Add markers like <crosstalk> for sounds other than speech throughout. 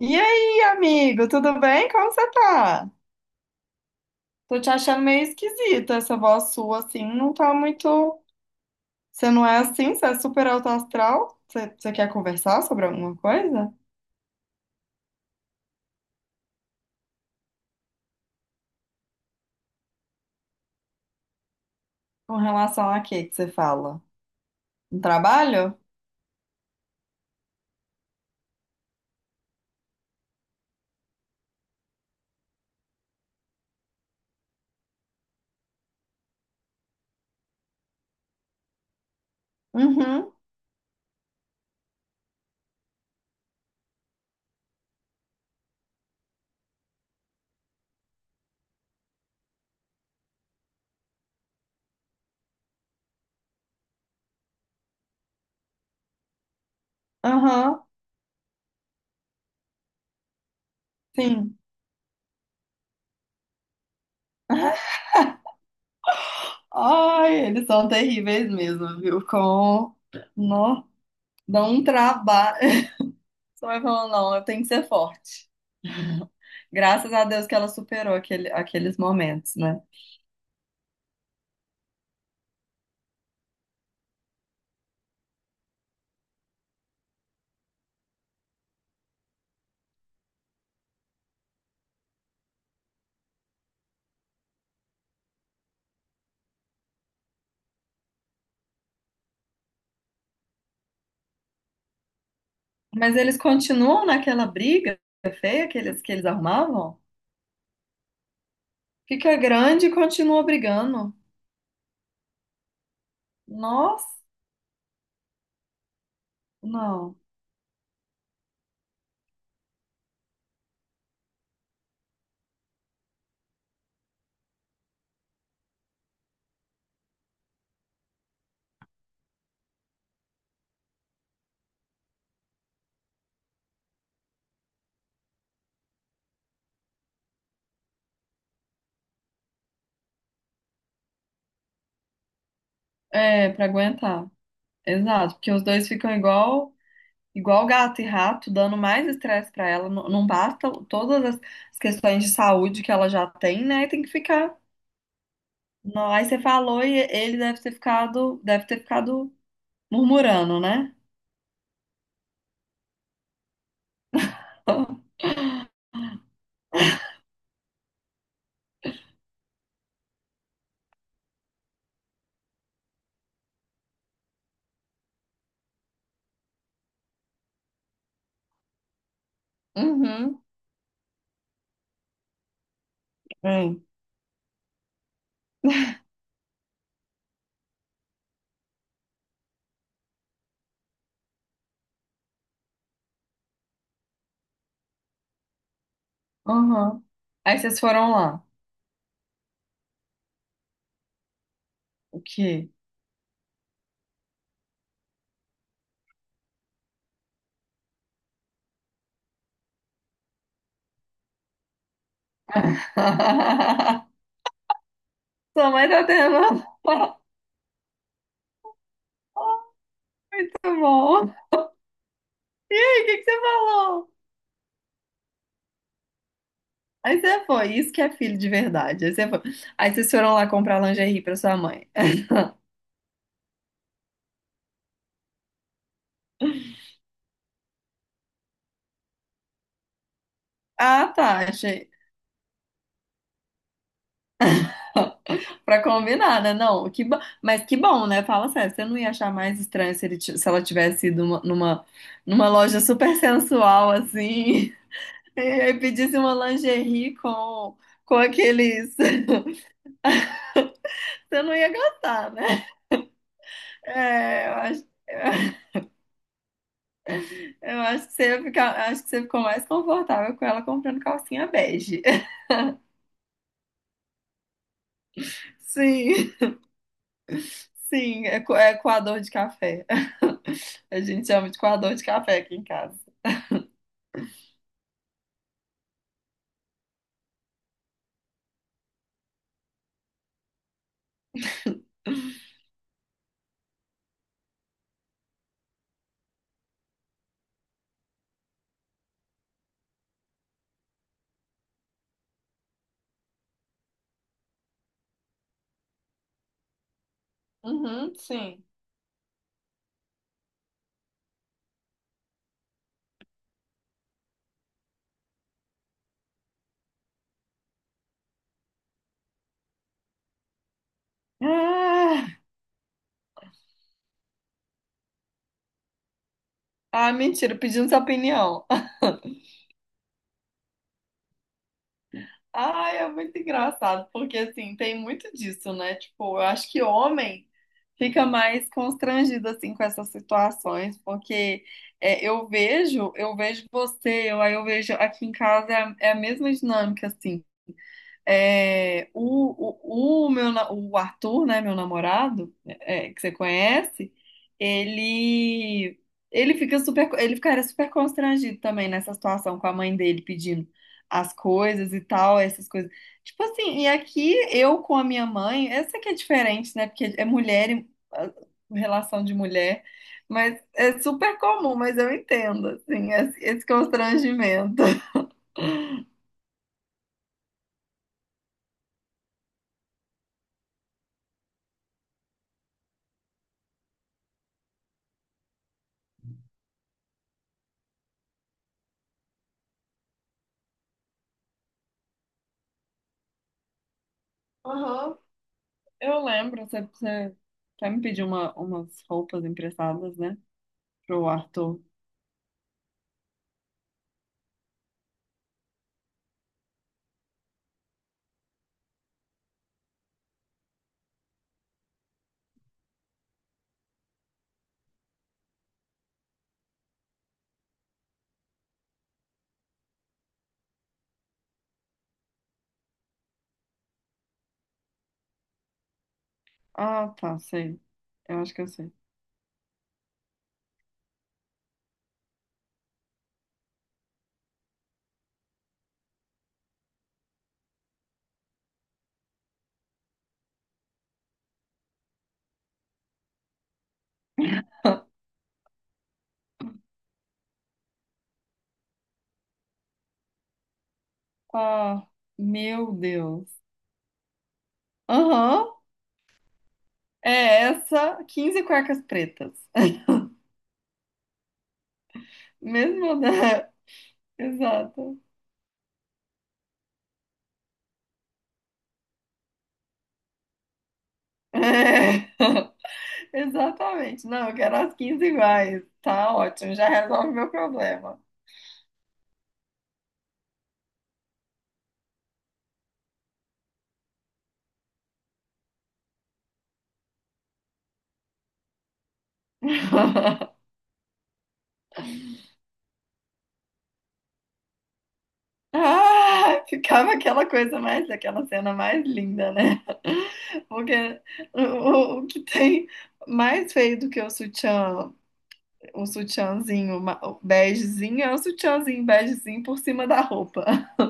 E aí, amigo, tudo bem? Como você tá? Tô te achando meio esquisita essa voz sua, assim, não tá muito. Você não é assim? Você é super alto astral? Você quer conversar sobre alguma coisa? Com relação a quê que você fala? Um trabalho? Uhum, aham, sim. Ai, eles são terríveis mesmo, viu? Com. Nó, dá um trabalho. <laughs> Só vai falando, não, eu tenho que ser forte. Graças a Deus que ela superou aqueles momentos, né? Mas eles continuam naquela briga feia que eles arrumavam? Fica grande e continua brigando. Nossa, não. É, pra aguentar. Exato, porque os dois ficam igual gato e rato, dando mais estresse pra ela. Não basta todas as as questões de saúde que ela já tem, né? E tem que ficar. Não, aí você falou e ele deve ter deve ter ficado murmurando, né? <laughs> Uhum. É. Uhum. Aí vocês foram lá. O quê? <laughs> Sua mãe tá tendo um parto bom. Aí, <laughs> o que que você falou? Aí você foi, isso que é filho de verdade. Aí você foi. Aí vocês foram lá comprar lingerie pra sua mãe. Ah, tá, achei. Pra combinar, né? Não, que bom. Mas que bom, né? Fala sério, você não ia achar mais estranho se, se ela tivesse ido numa, numa loja super sensual, assim, <laughs> e aí pedisse uma lingerie com aqueles. <laughs> Você não ia gostar, né? É, eu acho. <laughs> Eu acho que você ia acho que você ficou mais confortável com ela comprando calcinha bege. <laughs> Sim, sim, é, é coador de café. <laughs> A gente chama de coador de café aqui em casa. Uhum, sim. Ah, ah, mentira, pedindo sua opinião. Ai, é muito engraçado, porque assim, tem muito disso, né? Tipo, eu acho que homem fica mais constrangido assim com essas situações, porque é, eu vejo você, eu, aí eu vejo aqui em casa é é a mesma dinâmica assim. É, o meu, o Arthur, né, meu namorado, é, que você conhece, ele ele fica super, ele ficaria super constrangido também nessa situação com a mãe dele pedindo as coisas e tal, essas coisas. Tipo assim, e aqui eu com a minha mãe, essa que é diferente, né? Porque é mulher, e, ah, relação de mulher, mas é super comum, mas eu entendo, assim, esse constrangimento. Aham, Eu lembro, você até me pediu uma, umas roupas emprestadas, né? Pro Arthur. Ah, tá, sei. Eu acho que eu sei. Ah, meu Deus. Aham, é essa, 15 cuecas pretas. <laughs> Mesmo da. Exato. É. <laughs> Exatamente. Não, eu quero as 15 iguais. Tá ótimo, já resolve meu problema. <laughs> Ah, ficava aquela coisa aquela cena mais linda, né? <laughs> Porque o que tem mais feio do que o sutiã, o begezinho é o sutiãzinho begezinho por cima da roupa. <laughs>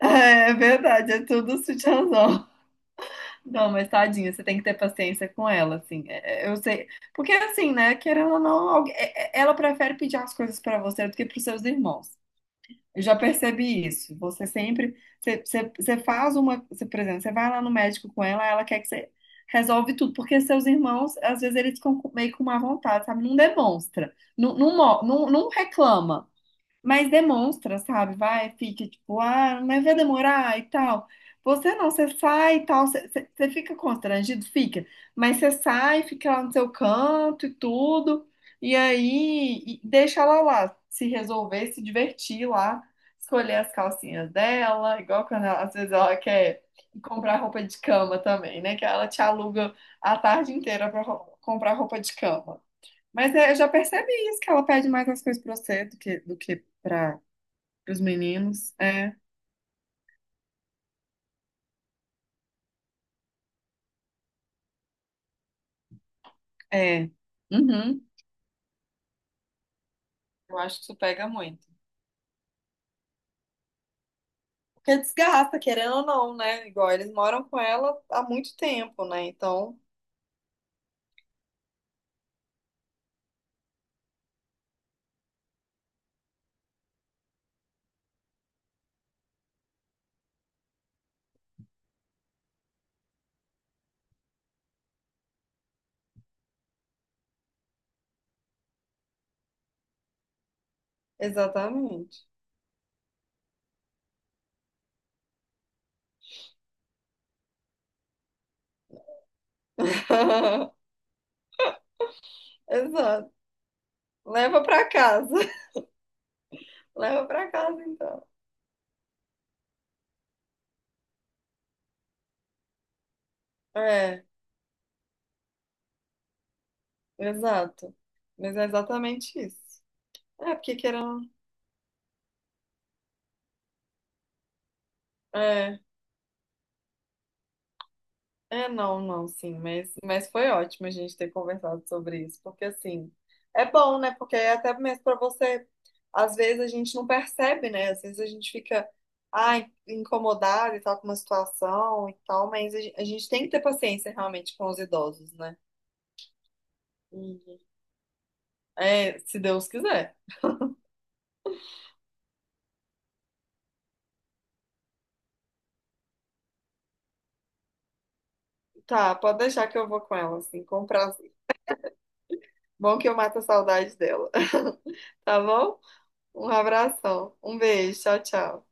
É, verdade, é tudo sutiãzão. Não, mas tadinha, você tem que ter paciência com ela, assim. É, eu sei. Porque assim, né, querendo ou não, ela prefere pedir as coisas pra você do que pros seus irmãos. Eu já percebi isso. Você faz uma, você, por exemplo, você vai lá no médico com ela, ela quer que você resolve tudo, porque seus irmãos, às vezes eles ficam meio com má vontade, sabe? Não demonstra, não reclama. Mas demonstra, sabe? Vai, fica tipo, ah, mas vai demorar e tal. Você não, você sai e tal, você fica constrangido, fica. Mas você sai, fica lá no seu canto e tudo, e deixa ela lá, se resolver, se divertir lá, escolher as calcinhas dela, igual quando ela- às vezes ela quer ir comprar roupa de cama também, né? Que ela te aluga a tarde inteira para comprar roupa de cama. Mas é, eu já percebi isso, que ela pede mais as coisas pra você do que para os meninos. É, é. Uhum. Eu acho que isso pega muito. Porque desgasta, querendo ou não, né? Igual eles moram com ela há muito tempo, né? Então, exatamente. <laughs> Exato. Leva pra casa. <laughs> Leva pra casa, então. É, exato. Mas é exatamente isso. É, porque querendo. É. É, não, não, sim, mas foi ótimo a gente ter conversado sobre isso, porque assim, é bom, né? Porque é até mesmo para você, às vezes a gente não percebe, né? Às vezes ai, incomodado e tal com uma situação e tal, mas a gente tem que ter paciência realmente com os idosos, né? E, é, se Deus quiser. Tá, pode deixar que eu vou com ela, assim, com prazer. Bom que eu mato a saudade dela, <laughs> tá bom? Um abração, um beijo, tchau, tchau.